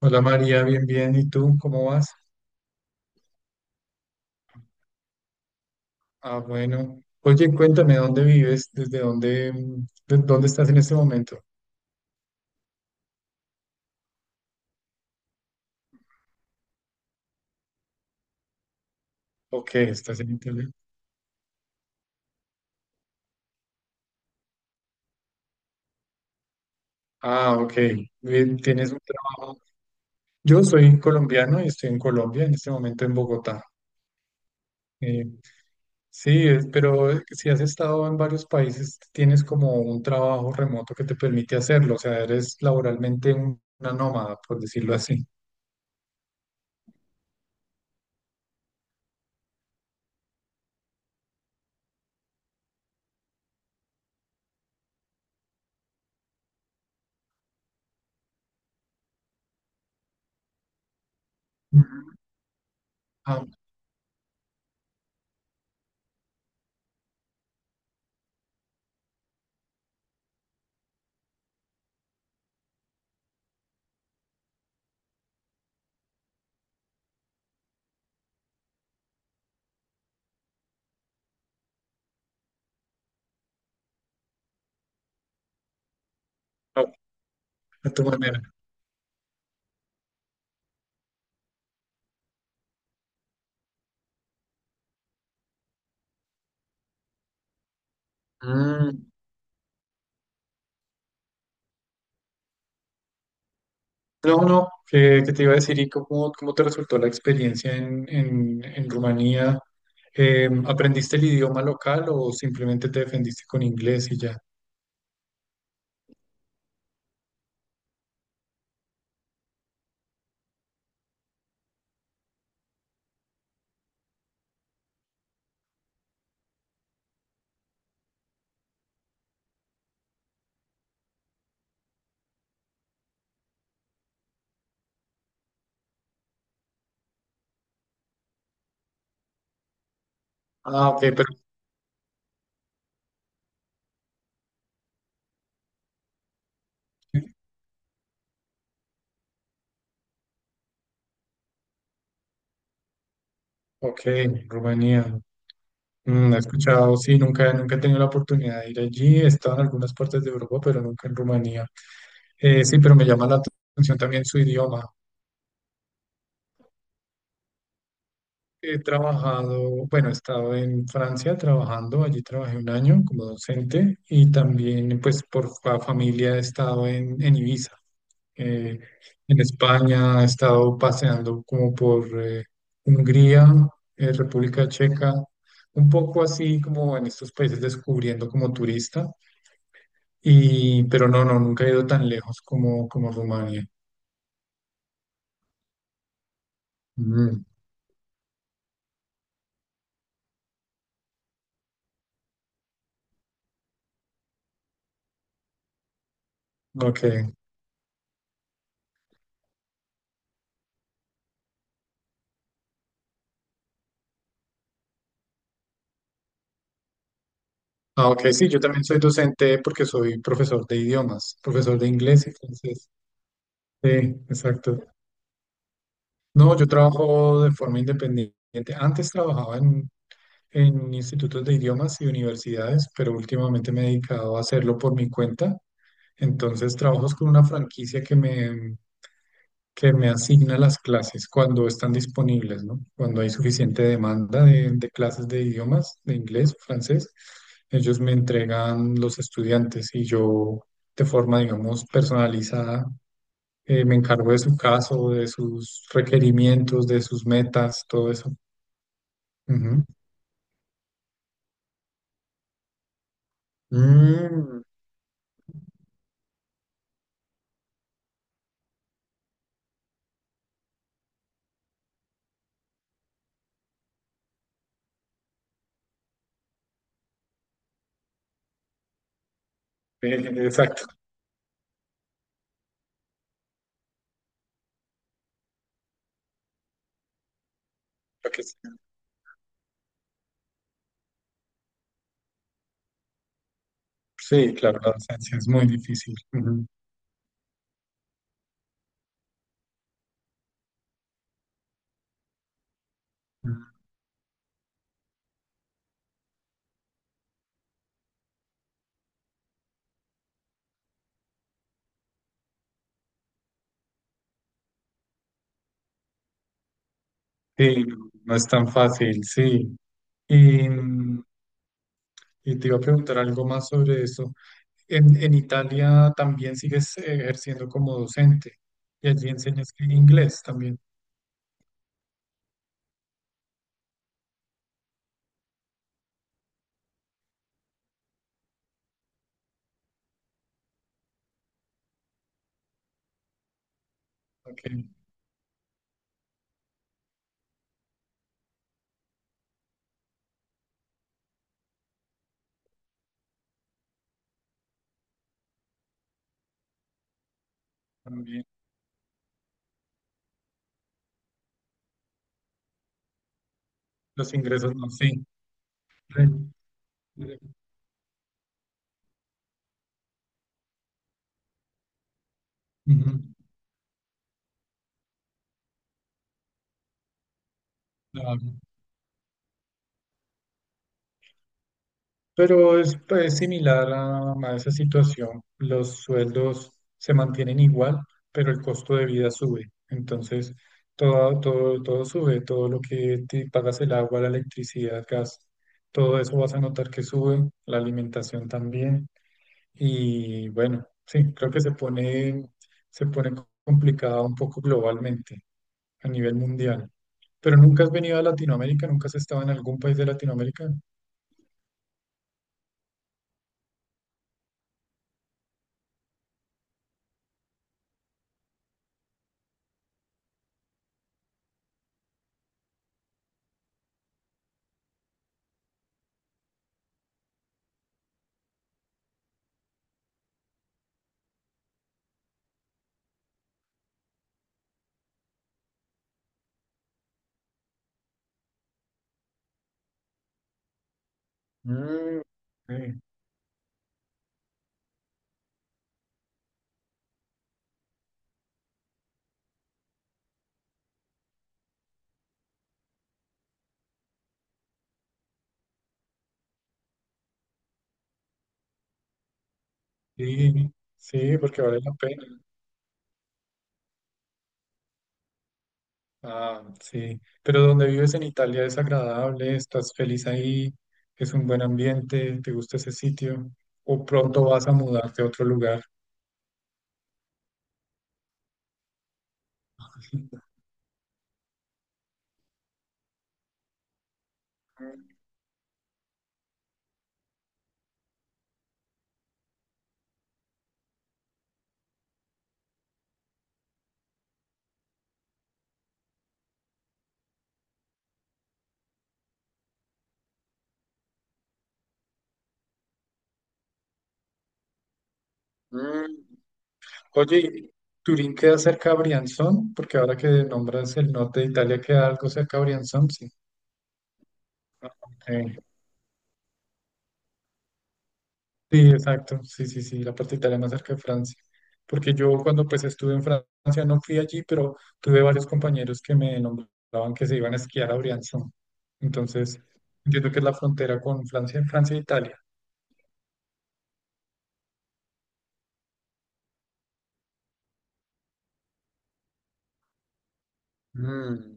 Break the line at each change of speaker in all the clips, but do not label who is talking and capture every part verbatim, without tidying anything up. Hola María, bien, bien. ¿Y tú cómo vas? Ah, bueno. Oye, cuéntame dónde vives, desde dónde, mm, de- dónde estás en este momento. Ok, estás en Italia. Ah, ok. Bien, tienes un trabajo. Yo soy colombiano y estoy en Colombia en este momento en Bogotá. Eh, sí, es- pero eh, si has estado en varios países, tienes como un trabajo remoto que te permite hacerlo. O sea, eres laboralmente un- una nómada, por decirlo así. Ujú. Ah, a a tu manera. Mm. No, no, ¿qué, qué te iba a decir? ¿Y cómo, cómo te resultó la experiencia en, en, en Rumanía? Eh, ¿aprendiste el idioma local o simplemente te defendiste con inglés y ya? Ah, ok, pero... Ok, Rumanía. Mm, he escuchado, sí, nunca, nunca he tenido la oportunidad de ir allí. He estado en algunas partes de Europa, pero nunca en Rumanía. Eh, sí, pero me llama la atención también su idioma. He trabajado, bueno, he estado en Francia trabajando, allí trabajé un año como docente y también pues por fa- familia he estado en, en Ibiza, eh, en España, he estado paseando como por eh, Hungría, eh, República Checa, un poco así como en estos países descubriendo como turista, y, pero no, no, nunca he ido tan lejos como, como Rumania. Mm, ok. Ah, ok, sí, yo también soy docente porque soy profesor de idiomas, profesor de inglés y francés. Sí, exacto. No, yo trabajo de forma independiente. Antes trabajaba en, en institutos de idiomas y universidades, pero últimamente me he dedicado a hacerlo por mi cuenta. Entonces trabajo con una franquicia que me, que me asigna las clases cuando están disponibles, ¿no? Cuando hay suficiente demanda de, de clases de idiomas, de inglés, francés, ellos me entregan los estudiantes y yo de forma, digamos, personalizada, eh, me encargo de su caso, de sus requerimientos, de sus metas, todo eso. Ujú. Mm, eh, exacto. lo que es- Sí, claro, la docencia es muy difícil. Ujú. Sí, no es tan fácil, sí. Y, Y te iba a preguntar algo más sobre eso. En, en Italia también sigues eh, ejerciendo como docente y allí enseñas que inglés también. Ok, también. Los ingresos no, sí. Re- re- ujú, claro. Pero es pues, similar a, a esa situación. Los sueldos se mantienen igual, pero el costo de vida sube. Entonces, todo, todo, todo sube, todo lo que te pagas el agua, la electricidad, gas, todo eso vas a notar que sube, la alimentación también. Y bueno, sí, creo que se pone, se pone complicada un poco globalmente, a nivel mundial. Pero nunca has venido a Latinoamérica, nunca has estado en algún país de Latinoamérica. Mm, sí. Sí, sí, porque vale la pena. Ah, sí. Pero donde vives en Italia es agradable, estás feliz ahí, es un buen ambiente, te gusta ese sitio, o pronto vas a mudarte a otro lugar. Mm. Oye, ¿y ¿Turín queda cerca a Brianzón? Porque ahora que nombras el norte de Italia, queda algo cerca a Brianzón, sí. Eh, Sí, exacto, sí, sí, sí, la parte italiana cerca de Francia, porque yo cuando pues estuve en Francia no fui allí, pero tuve varios compañeros que me nombraban que se iban a esquiar a Briançon, entonces entiendo que es la frontera con Francia, Francia e Italia. Mm,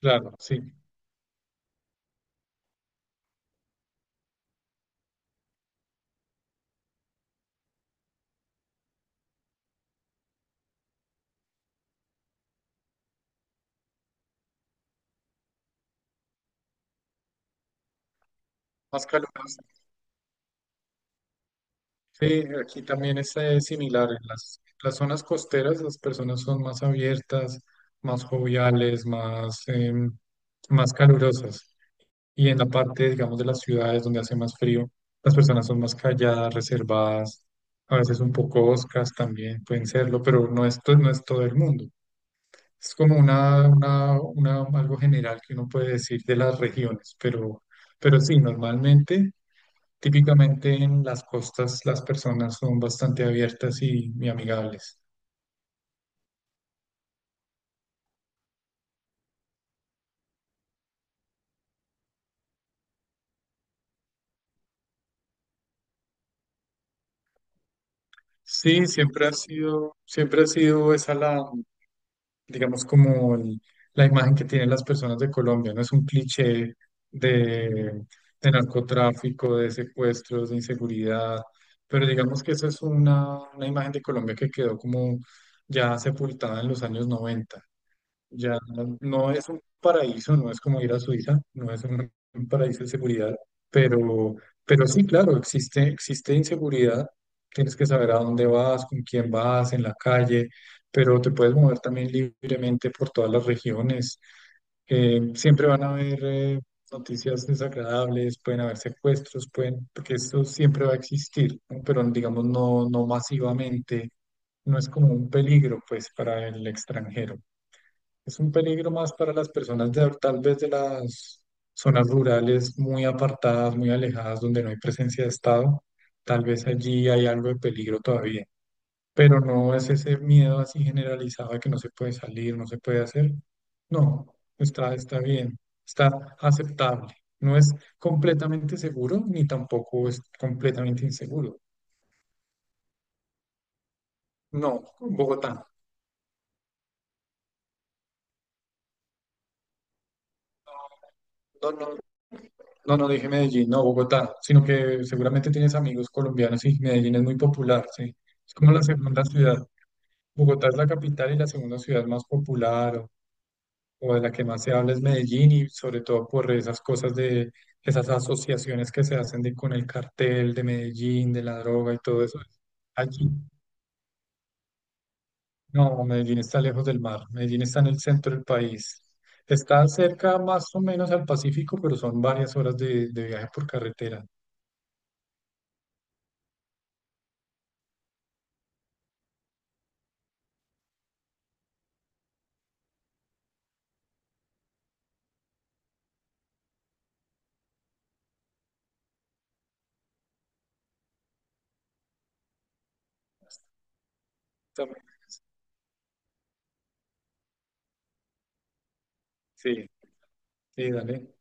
claro, sí, más caluroso. Sí, aquí también es eh, similar. En las, las zonas costeras las personas son más abiertas, más joviales, más, em, más calurosas. Y en la parte, digamos, de las ciudades donde hace más frío, las personas son más calladas, reservadas, a veces un poco oscas también pueden serlo, pero no es, to- no es todo el mundo. Es como una, una, una- algo general que uno puede decir de las regiones, pero, pero sí, normalmente, típicamente en las costas las personas son bastante abiertas y, y amigables. Sí, siempre ha sido, siempre ha sido esa la digamos, como el- la imagen que tienen las personas de Colombia, no es un cliché de, de narcotráfico, de secuestros, de inseguridad, pero digamos que esa es una, una imagen de Colombia que quedó como ya sepultada en los años noventa ya no, no es un paraíso, no es como ir a Suiza, no es un, un paraíso de seguridad, pero, pero sí, claro, existe, existe inseguridad, tienes que saber a dónde vas, con quién vas, en la calle, pero te puedes mover también libremente por todas las regiones. Eh, siempre van a haber eh, noticias desagradables, pueden haber secuestros, pueden, porque esto siempre va a existir, ¿no? Pero digamos no, no masivamente, no es como un peligro pues para el extranjero. Es un peligro más para las personas de, tal vez de las zonas rurales muy apartadas, muy alejadas, donde no hay presencia de Estado. Tal vez allí hay algo de peligro todavía, pero no es ese miedo así generalizado de que no se puede salir, no se puede hacer. No, está, está bien, está aceptable. No es completamente seguro ni tampoco es completamente inseguro. No, Bogotá. No, no, no no dije Medellín, no Bogotá, sino que seguramente tienes amigos colombianos y Medellín es muy popular, sí. Es como la segunda ciudad. Bogotá es la capital y la segunda ciudad más popular o, o de la que más se habla es Medellín y sobre todo por esas cosas de esas asociaciones que se hacen de, con el cartel de Medellín, de la droga y todo eso. Allí, no, Medellín está lejos del mar. Medellín está en el centro del país. Está cerca más o menos al Pacífico, pero son varias horas de, de viaje por carretera. También, sí. Sí, dale.